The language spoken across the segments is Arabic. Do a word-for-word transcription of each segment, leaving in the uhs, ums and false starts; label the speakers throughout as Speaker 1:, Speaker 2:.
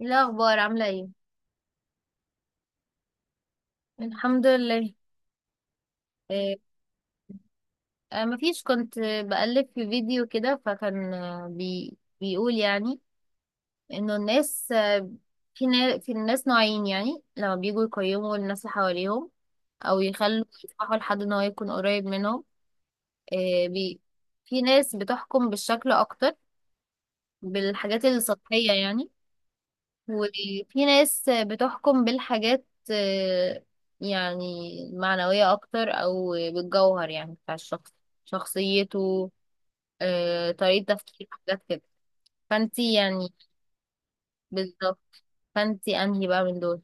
Speaker 1: إيه الأخبار عاملة ايه؟ الحمد لله. إيه. آه، مفيش، كنت بقلب في فيديو كده، فكان آه، بي بيقول يعني انه الناس آه، في نا في الناس نوعين، يعني لما بيجوا يقيموا الناس اللي حواليهم او يخلوا يسمحوا لحد ان هو يكون قريب منهم. إيه بي في ناس بتحكم بالشكل اكتر، بالحاجات السطحية يعني. وفي ناس بتحكم بالحاجات آه، يعني المعنوية أكتر أو بالجوهر، يعني بتاع الشخص، شخصيته، آه، طريقة تفكيره، حاجات كده. فانتي يعني. بالظبط. فانتي أنهي بقى من دول؟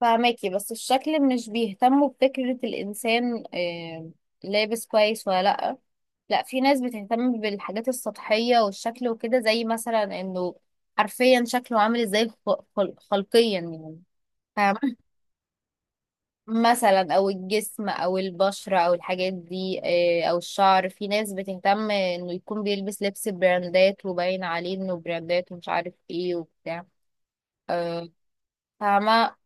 Speaker 1: فهماكي، بس الشكل مش بيهتموا بفكرة الإنسان آه، لابس كويس ولا لأ. لأ، في ناس بتهتم بالحاجات السطحية والشكل وكده، زي مثلا إنه حرفيا شكله عامل إزاي، خ- خل- خلقيا يعني، مثلا او الجسم او البشرة او الحاجات دي آه، او الشعر. في ناس بتهتم انه يكون بيلبس لبس براندات، وباين عليه انه براندات ومش عارف ايه وبتاع. آه، فاهمة.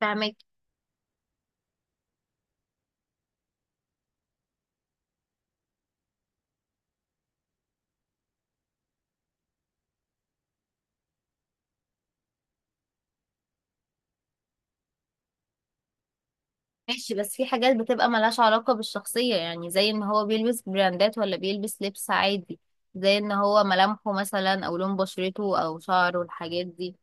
Speaker 1: فاهمك. ماشي، بس في حاجات بتبقى ملهاش علاقة بالشخصية، يعني زي ان هو بيلبس براندات ولا بيلبس لبس عادي، زي ان هو ملامحه مثلا او لون بشرته او شعره، الحاجات دي.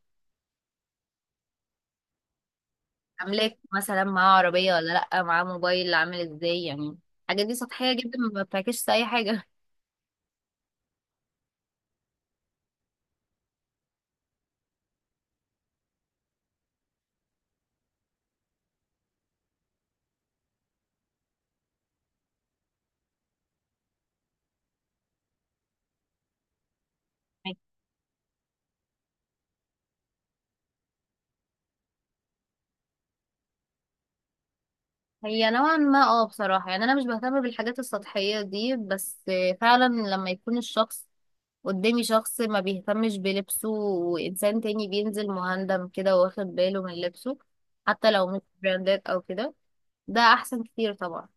Speaker 1: املاك مثلا، معاه عربية ولا لأ، معاه موبايل عامل ازاي يعني. الحاجات دي سطحية جدا، ما بتعكسش اي حاجة. هي نوعا ما، اه، بصراحة يعني أنا مش بهتم بالحاجات السطحية دي، بس فعلا لما يكون الشخص قدامي شخص ما بيهتمش بلبسه، وإنسان تاني بينزل مهندم كده واخد باله من لبسه حتى لو مش براندات أو كده، ده أحسن كتير طبعا.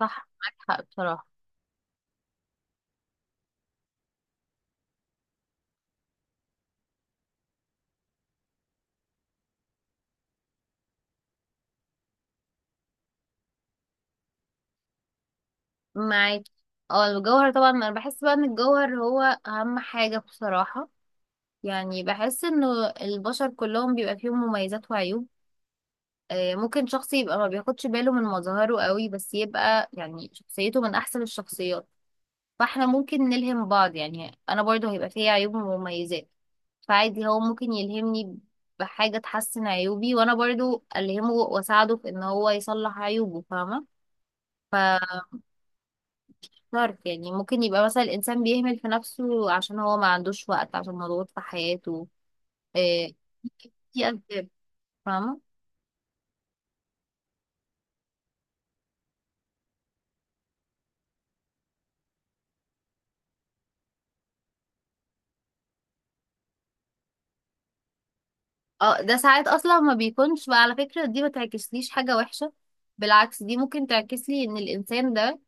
Speaker 1: صح، معاك حق بصراحة. معاك. اه، الجوهر طبعا. أنا بحس بقى إن الجوهر هو أهم حاجة بصراحة. يعني بحس إنه البشر كلهم بيبقى فيهم مميزات وعيوب، آه، ممكن شخص يبقى ما بياخدش باله من مظاهره قوي، بس يبقى يعني شخصيته من احسن الشخصيات. فاحنا ممكن نلهم بعض، يعني انا برضه هيبقى فيها عيوب ومميزات، فعادي هو ممكن يلهمني بحاجة تحسن عيوبي، وانا برضه الهمه واساعده في ان هو يصلح عيوبه، فاهمة. ف عارف، يعني ممكن يبقى مثلا الانسان بيهمل في نفسه عشان هو ما عندوش وقت، عشان مضغوط في حياته، آه، في اسباب، فاهمة. اه، ده ساعات اصلا ما بيكونش بقى على فكرة، دي ما تعكسليش حاجة وحشة، بالعكس دي ممكن تعكسلي ان الانسان ده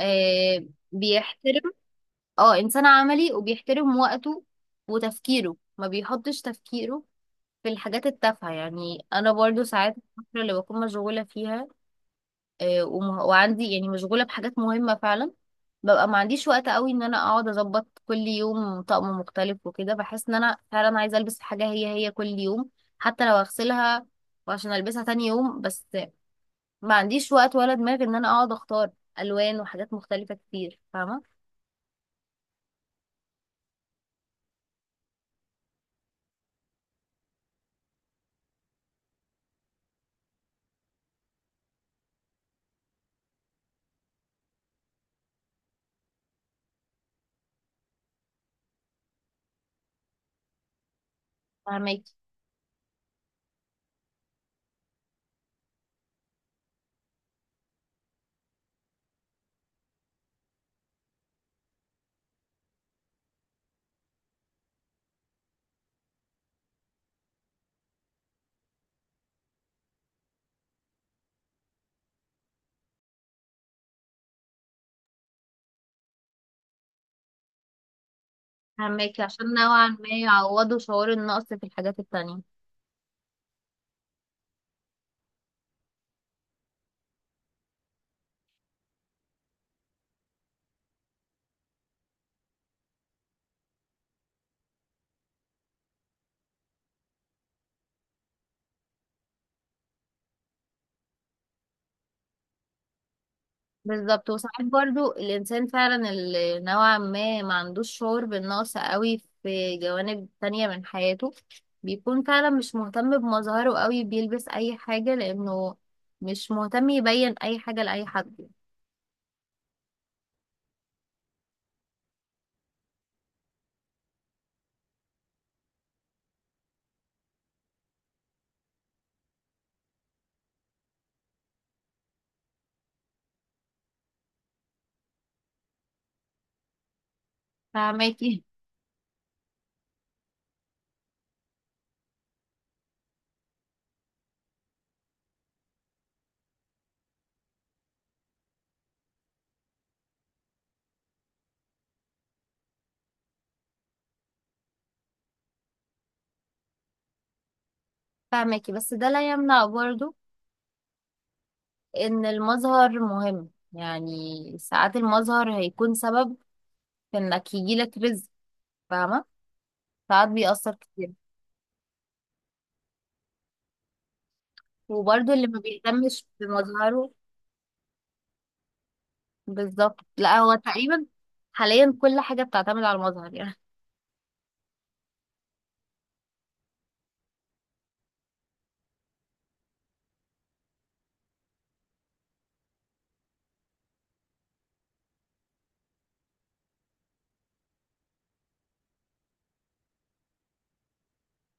Speaker 1: آه بيحترم. اه، انسان عملي وبيحترم وقته، وتفكيره ما بيحطش تفكيره في الحاجات التافهة. يعني انا برضو ساعات الفترة اللي بكون مشغولة فيها، آه، وم- وعندي يعني مشغولة بحاجات مهمة فعلا، ببقى ما عنديش وقت قوي ان انا اقعد اظبط كل يوم طقم مختلف، وكده بحس ان انا فعلا عايزة البس حاجة هي هي كل يوم، حتى لو اغسلها وعشان البسها تاني يوم بس. ما عنديش وقت ولا دماغ ان انا اقعد اختار الوان وحاجات مختلفة كتير، فاهمة. فهماكي. فهماكي، عشان نوعا ما يعوضوا شعور النقص في الحاجات التانية. بالظبط. وساعات برضو الإنسان فعلا اللي نوعا ما ما عندوش شعور بالنقص قوي في جوانب تانية من حياته، بيكون فعلا مش مهتم بمظهره قوي، بيلبس أي حاجة لأنه مش مهتم يبين أي حاجة لأي حد. فاهماكي. فاهماكي، بس ده لا يمنع برضو إن المظهر مهم يعني، ساعات المظهر هيكون سبب في إنك يجيلك رزق، فاهمة. ساعات بيأثر كتير. وبرضو اللي ما بيهتمش بمظهره. بالظبط، لا هو تقريبا حاليا كل حاجة بتعتمد على المظهر يعني.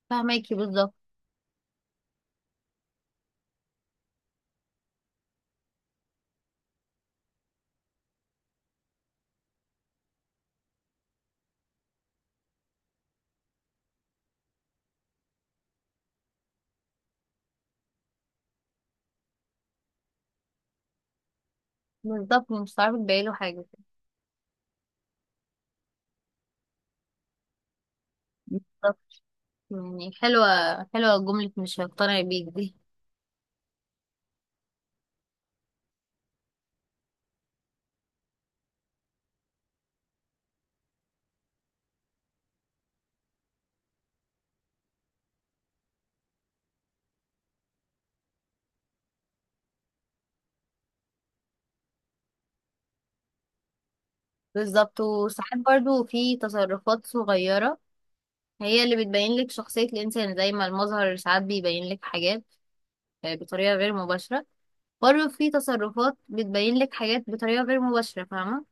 Speaker 1: فهماكي. بالظبط، بالظبط، مش هتعرفي تبيعي له حاجة. بالظبط. يعني حلوة، حلوة جملة مش هقتنع بيك دي. بالظبط. وساعات برضو في تصرفات صغيرة هي اللي بتبين لك شخصية الإنسان، زي ما المظهر ساعات بيبين لك حاجات آه، بطريقة غير مباشرة، برضو في تصرفات بتبين لك حاجات بطريقة غير مباشرة، فاهمة.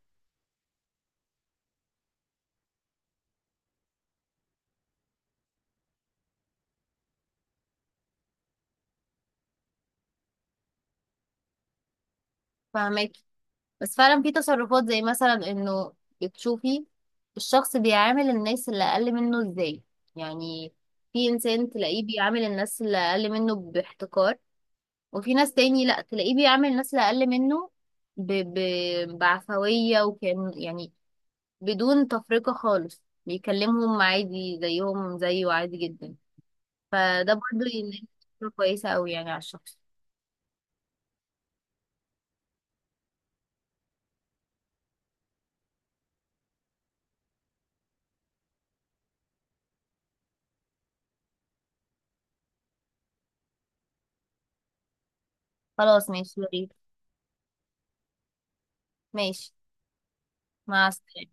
Speaker 1: فاهماكي، بس فعلا في تصرفات زي مثلا انه بتشوفي الشخص بيعامل الناس اللي اقل منه ازاي. يعني في انسان تلاقيه بيعامل الناس اللي اقل منه باحتقار، وفي ناس تاني لا، تلاقيه بيعامل الناس اللي اقل منه ب... ب... بعفوية، وكان يعني بدون تفرقة خالص، بيكلمهم عادي زيهم زيه عادي جدا. فده برضه يعني فكرة كويسة قوي يعني على الشخص. خلاص ماشي، يا ريت. ماشي. مع السلامة.